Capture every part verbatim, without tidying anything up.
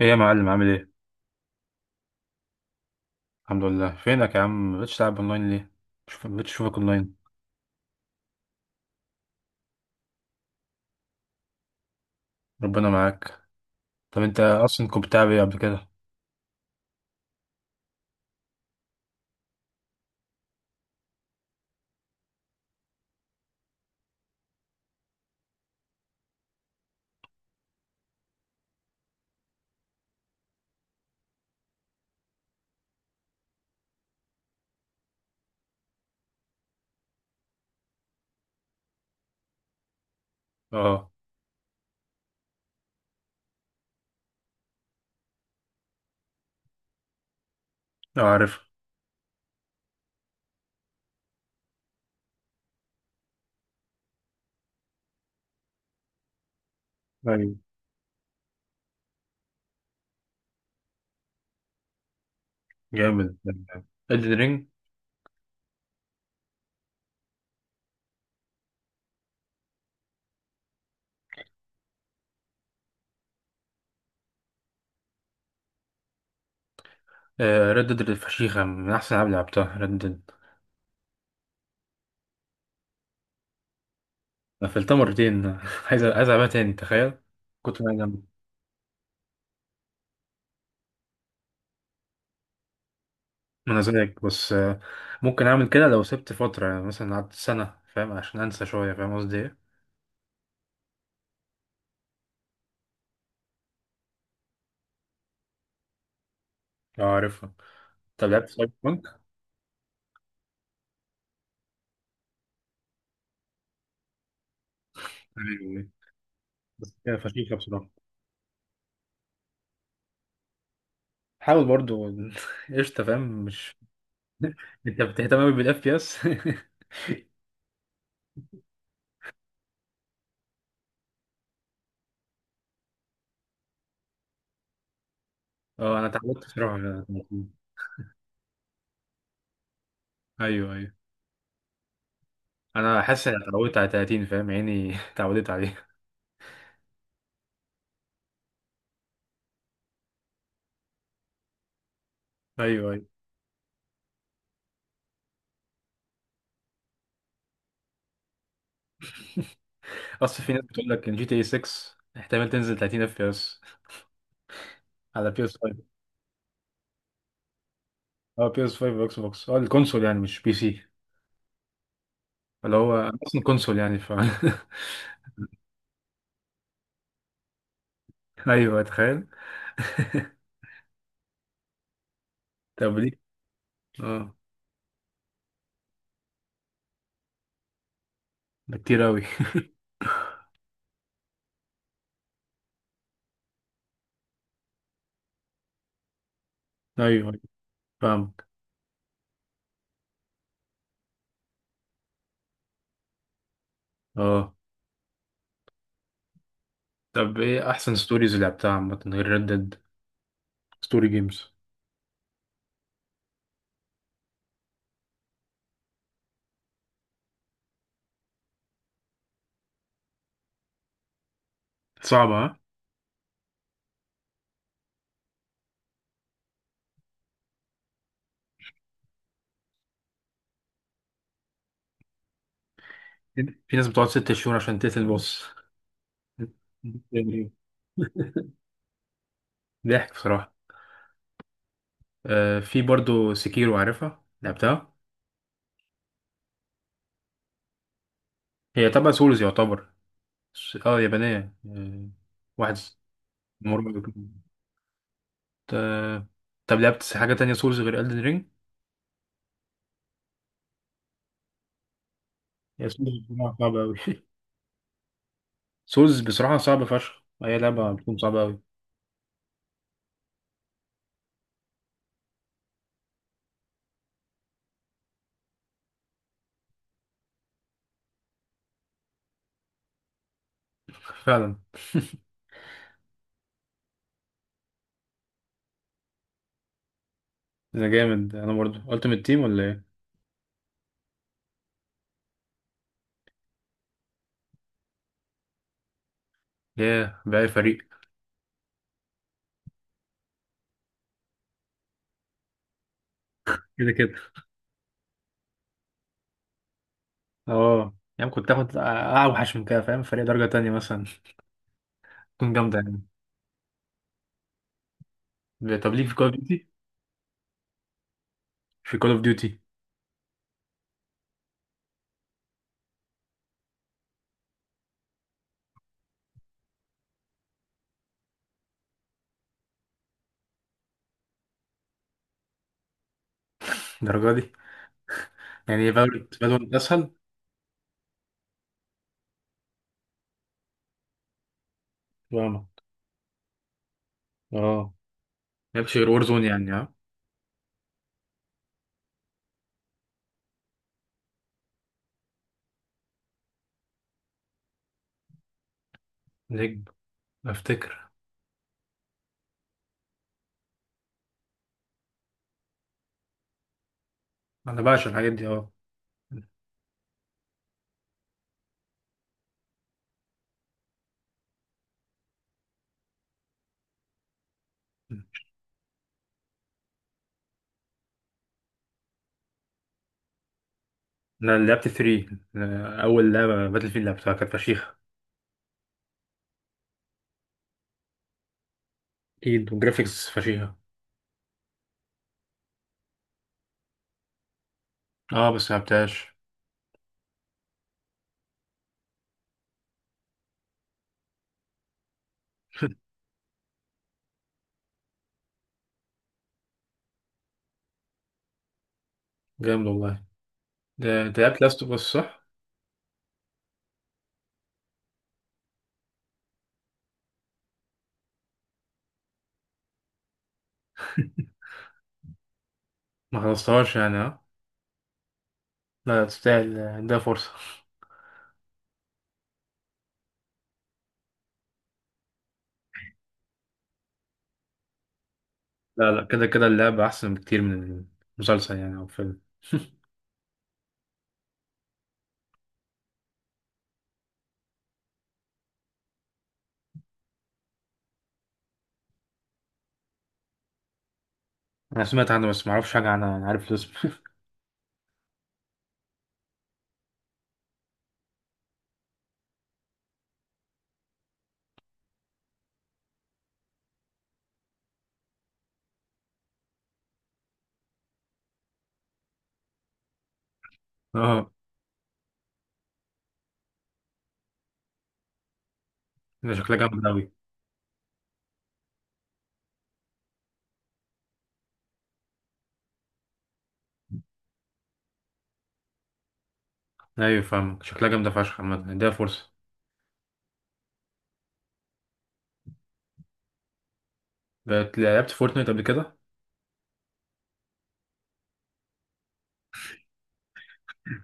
ايه يا معلم، عامل ايه؟ الحمد لله، فينك يا عم؟ مبقتش تلعب اونلاين ليه؟ مش مبقتش اشوفك اونلاين. ربنا معاك. طب انت اصلا كنت بتلعب ايه قبل كده؟ اه. اه، عارف. ايوه. جامد. ريد رينج ريد ديد الفشيخة من احسن العاب اللي لعبتها، ريد ديد. قفلتها مرتين عايز عايز العبها تاني، تخيل. كنت انا جامد. انا زيك، بس آه، ممكن اعمل كده لو سبت فترة، يعني مثلا قعدت سنة، فاهم؟ عشان انسى شوية، فاهم قصدي ايه؟ اه، عارفها. طب لعبت سايبر بانك؟ أيوة. بس هي فشيخة بصراحة. حاول برضو قشطة، فاهم مش انت بتهتم قوي بالاف بي اس اه، انا اتعودت بصراحة على ثلاثين. ايوه، ايوه. انا حاسس اني اتعودت على ثلاثين، فاهم؟ عيني اتعودت عليه. ايوه، ايوه. اصل في ناس بتقول لك ان جي تي اي ستة احتمال تنزل ثلاثين اف بي اس على بي اس فايف. اه، بي اس فايف واكس بوكس، اه الكونسول يعني مش بي سي. اللي هو أنا اصلا كونسول، يعني ف ايوه، تخيل طب ليه؟ اه. ده كتير قوي ايوه، أيوة، فاهمك. اه، طب ايه احسن ستوريز اللي لعبتها عامة غير ريد ديد؟ ستوري جيمز. صعبة، ها؟ في ناس بتقعد ست شهور عشان تقتل البوس. يعني. ضحك بصراحة. آه، في برضو سكيرو، عارفها؟ لعبتها؟ هي تبع سولز يعتبر. س- اه، يابانية. آه. واحد. مرة. آه. طب لعبت حاجة تانية سولز غير ألدن رينج؟ هي سولز بصراحة صعبة أوي سولز بصراحة صعبة فشخ، هي لعبة بتكون صعبة أوي. فعلا. أنا جامد. أنا برضو ألتيمت تيم ولا إيه؟ ياه، بقى فريق. كده كده. اه، يعني كنت تاخد اوحش من كده، فاهم؟ فريق درجة تانية مثلا، تكون جامدة. يعني طب ليك في كول اوف ديوتي؟ في كول اوف ديوتي. الدرجة دي. يعني فالورنت، فالورنت اسهل. فاهمك. اه. مالكش غير وور زون، يعني اه. نجم. افتكر. انا بعشق الحاجات دي، اه. انا لعبت تلاتة، اول لعبة باتل فيلد لعبتها، كانت فشيخة. اكيد، وجرافيكس فشيخة. اه، بس ما لعبتهاش. جامد والله. ده انت لعبت لاست اوف اس، صح؟ ما خلصتهاش يعني، اه. لا تستاهل، آه، ده فرصة. لا لا، كده كده اللعبة أحسن بكتير من المسلسل يعني، أو فيلم أنا سمعت عنه بس معرفش حاجة عنها، أنا عارف الاسم اه، ده شكلها جامدة أوي. أيوة، فاهمك، شكلها جامدة فشخ. عامة اديها فرصة. بقت- لعبت فورتنايت قبل كده.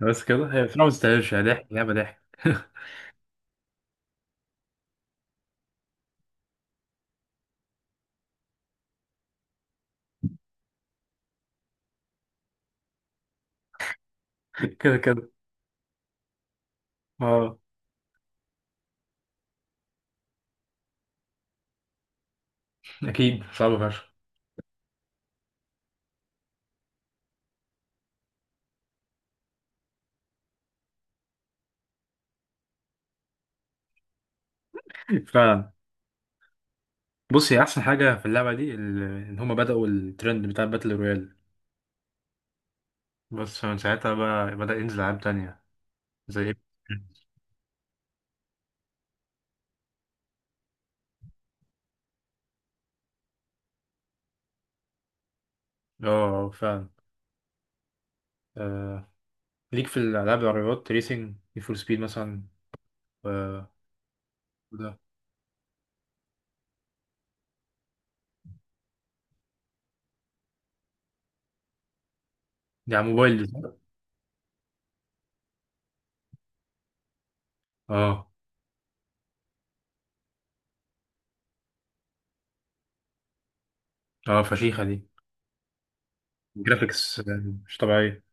بس كده، هي بصراحة ما تستاهلش، هي ضحك، لعبة ضحك. كده كده. اه، أكيد صعبة فشخ. فعلا. بص، هي أحسن حاجة في اللعبة دي ال- إن هما بدأوا الترند بتاع باتل رويال. بس من ساعتها بقى بدأ ينزل ألعاب تانية. زي إيه؟ اه، آه، فعلا. آه. ليك في الألعاب العربيات ريسنج، نيد فور سبيد مثلا. و- وده. دي على موبايل دي، صح؟ اه، اه فشيخة دي. جرافيكس مش طبيعية.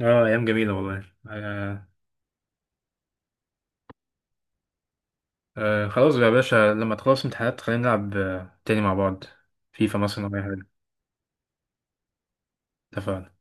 اه، أيام جميلة والله، آه. آه. خلاص يا باشا، لما تخلص امتحانات خلينا نلعب آه، تاني مع بعض. فيفا مثلا أو أي حاجة. اتفقنا.